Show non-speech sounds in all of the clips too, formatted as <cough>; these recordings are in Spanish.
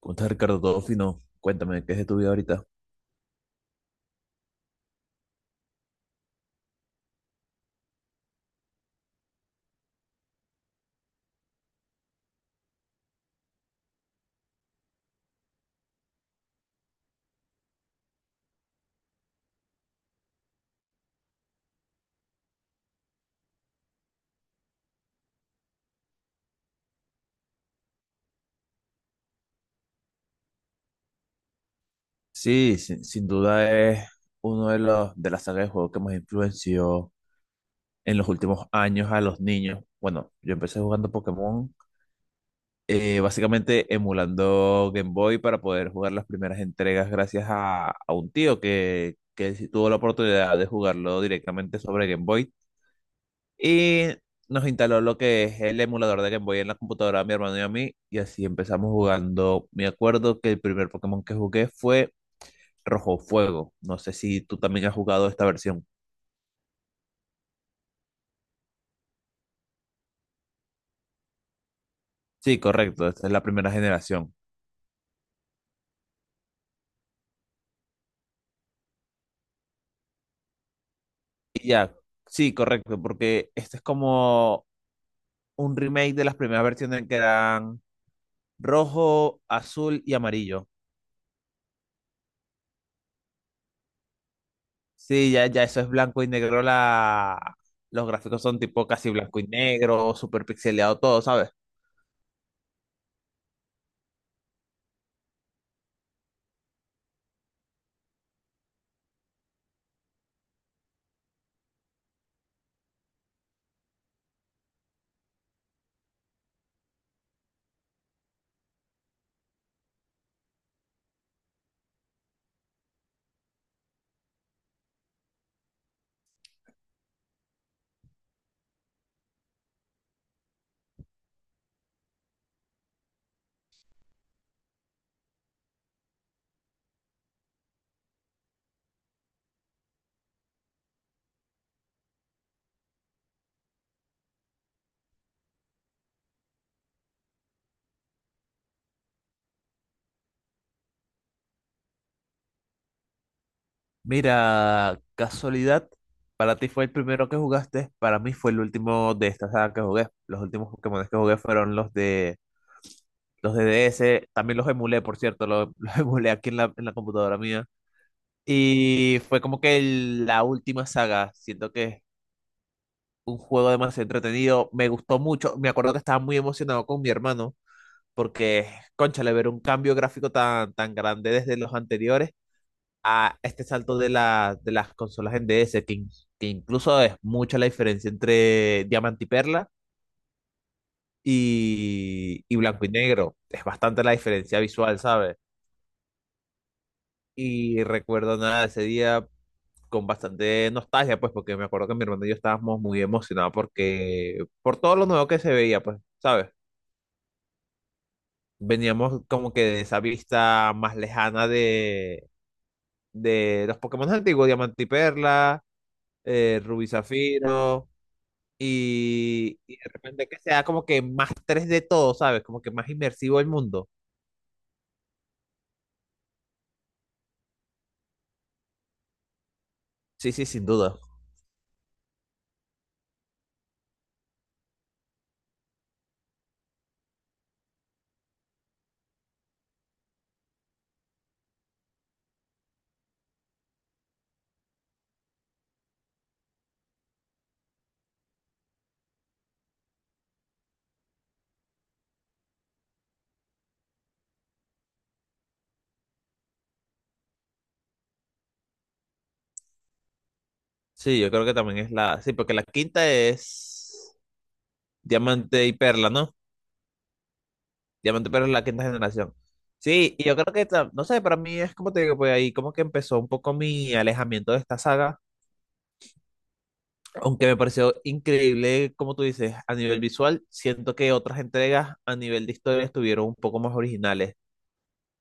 ¿Cómo estás, Ricardo? Todo fino. Cuéntame, ¿qué es de tu vida ahorita? Sí, sin duda es uno de los de la saga de juegos que más influenció en los últimos años a los niños. Bueno, yo empecé jugando Pokémon, básicamente emulando Game Boy para poder jugar las primeras entregas gracias a un tío que sí tuvo la oportunidad de jugarlo directamente sobre Game Boy. Y nos instaló lo que es el emulador de Game Boy en la computadora de mi hermano y a mí. Y así empezamos jugando. Me acuerdo que el primer Pokémon que jugué fue Rojo Fuego. No sé si tú también has jugado esta versión. Sí, correcto. Esta es la primera generación. Y ya, sí, correcto. Porque este es como un remake de las primeras versiones que eran rojo, azul y amarillo. Sí, ya, ya eso es blanco y negro. La... Los gráficos son tipo casi blanco y negro, super pixeleado todo, ¿sabes? Mira, casualidad, para ti fue el primero que jugaste, para mí fue el último de esta saga que jugué. Los últimos Pokémon que jugué fueron los de DS, también los emulé, por cierto, los, <laughs> los emulé aquí en la computadora mía. Y fue como que la última saga. Siento que es un juego demasiado entretenido, me gustó mucho, me acuerdo que estaba muy emocionado con mi hermano, porque, cónchale, ver un cambio gráfico tan, tan grande desde los anteriores a este salto de las consolas en DS, que incluso es mucha la diferencia entre Diamante y Perla y Blanco y Negro. Es bastante la diferencia visual, ¿sabes? Y recuerdo nada ese día con bastante nostalgia, pues, porque me acuerdo que mi hermano y yo estábamos muy emocionados porque por todo lo nuevo que se veía, pues, ¿sabes? Veníamos como que de esa vista más lejana de los Pokémon antiguos, Diamante y Perla, Rubí Zafiro. Y de repente que sea como que más tres de todo, ¿sabes? Como que más inmersivo el mundo. Sí, sí, sin duda. Sí, yo creo que también es la. Sí, porque la quinta es Diamante y Perla, ¿no? Diamante y Perla es la quinta generación. Sí, y yo creo que, no sé, para mí es como te digo, pues ahí como que empezó un poco mi alejamiento de esta saga, aunque me pareció increíble, como tú dices, a nivel visual. Siento que otras entregas a nivel de historia estuvieron un poco más originales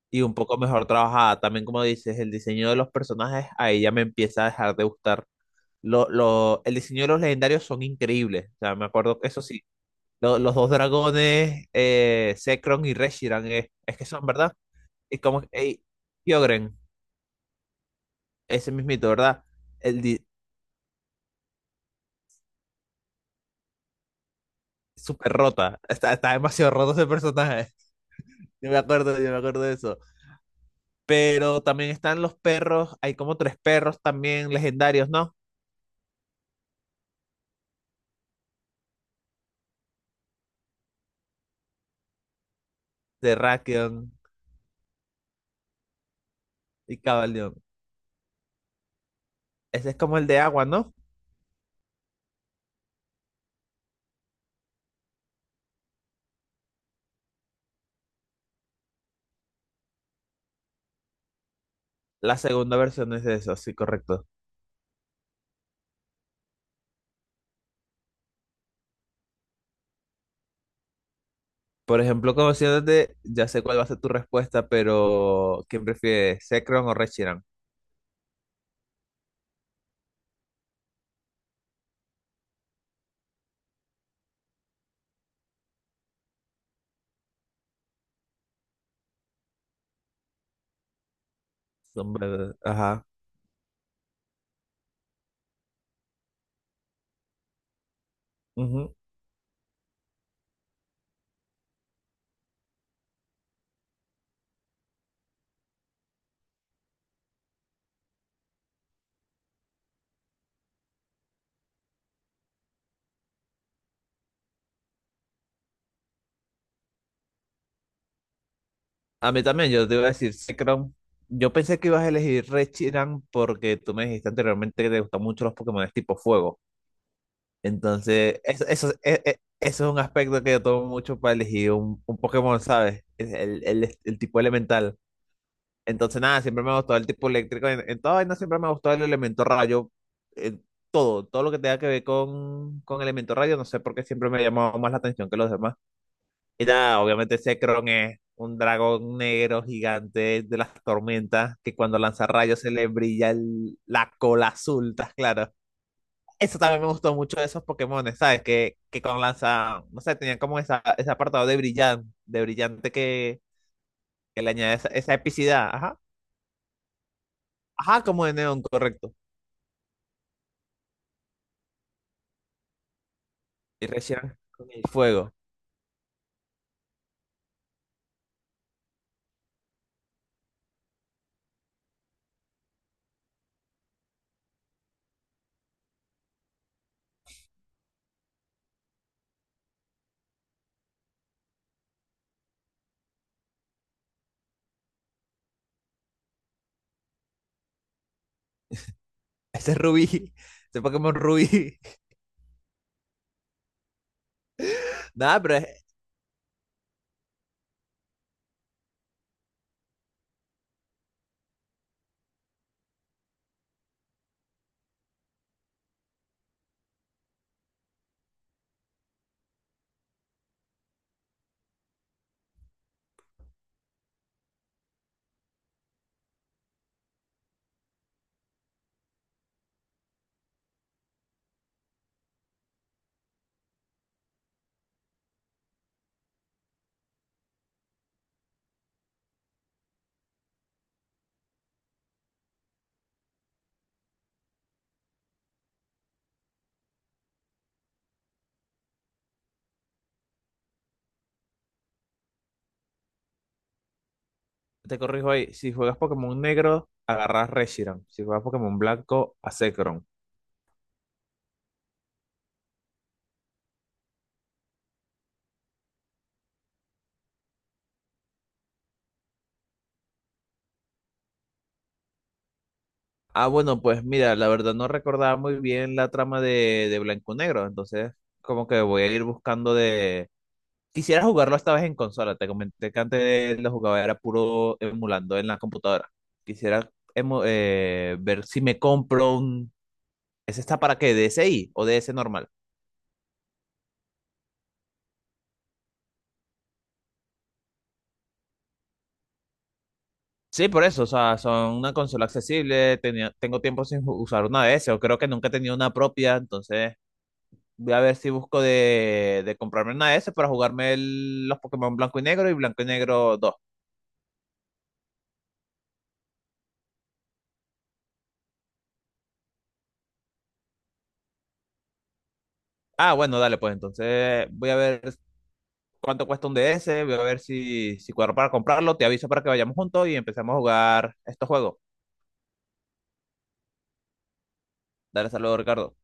y un poco mejor trabajada. También, como dices, el diseño de los personajes, ahí ya me empieza a dejar de gustar. El diseño de los legendarios son increíbles. O sea, me acuerdo que eso sí, los dos dragones, Zekrom y Reshiram, es que son, ¿verdad? Y como, ey, Kyogre, ese mismito, ¿verdad? El di- súper rota, está, está demasiado roto ese personaje. <laughs> Yo me acuerdo de eso. Pero también están los perros, hay como tres perros también legendarios, ¿no? De Terrakion y Cabaleón. Ese es como el de agua, ¿no? La segunda versión es de eso, sí, correcto. Por ejemplo, conociéndote, ya sé cuál va a ser tu respuesta, pero ¿quién prefiere, Zekrom o Reshiram? Ajá. Ujú. A mí también, yo te iba a decir Zekrom. Yo pensé que ibas a elegir Reshiram porque tú me dijiste anteriormente que te gustan mucho los Pokémon tipo fuego. Entonces, eso es un aspecto que yo tomo mucho para elegir un Pokémon, ¿sabes? Es el tipo elemental. Entonces, nada, siempre me ha gustado el tipo eléctrico. En toda vaina siempre me ha gustado el elemento rayo. En todo, todo lo que tenga que ver con elemento rayo, no sé por qué siempre me ha llamado más la atención que los demás. Y nada, obviamente Zekrom es un dragón negro gigante de las tormentas que cuando lanza rayos se le brilla la cola azul, <laughs> ¿estás claro? Eso también me gustó mucho de esos Pokémones, ¿sabes? Que con lanza, no sé, tenían como esa, ese apartado de brillante que le añade esa, esa epicidad. Ajá. Ajá, como de neón, correcto. Y reaccionan con el fuego. <laughs> Este es Rubí. Este Pokémon Rubí. <laughs> Nada, pero te corrijo ahí. Si juegas Pokémon negro, agarras Reshiram. Si juegas Pokémon blanco, a Zekrom. Ah, bueno, pues mira, la verdad no recordaba muy bien la trama de blanco negro. Entonces, como que voy a ir buscando de. Quisiera jugarlo esta vez en consola. Te comenté que antes lo jugaba era puro emulando en la computadora. Quisiera ver si me compro un. ¿Ese está para qué? ¿DSi o DS normal? Sí, por eso, o sea, son una consola accesible, tengo tiempo sin usar una DS, o creo que nunca he tenido una propia, entonces voy a ver si busco de comprarme una DS para jugarme los Pokémon Blanco y Negro y Blanco y Negro 2. Ah, bueno, dale, pues entonces voy a ver cuánto cuesta un DS, voy a ver si cuadro para comprarlo, te aviso para que vayamos juntos y empecemos a jugar estos juegos. Dale, saludos, Ricardo.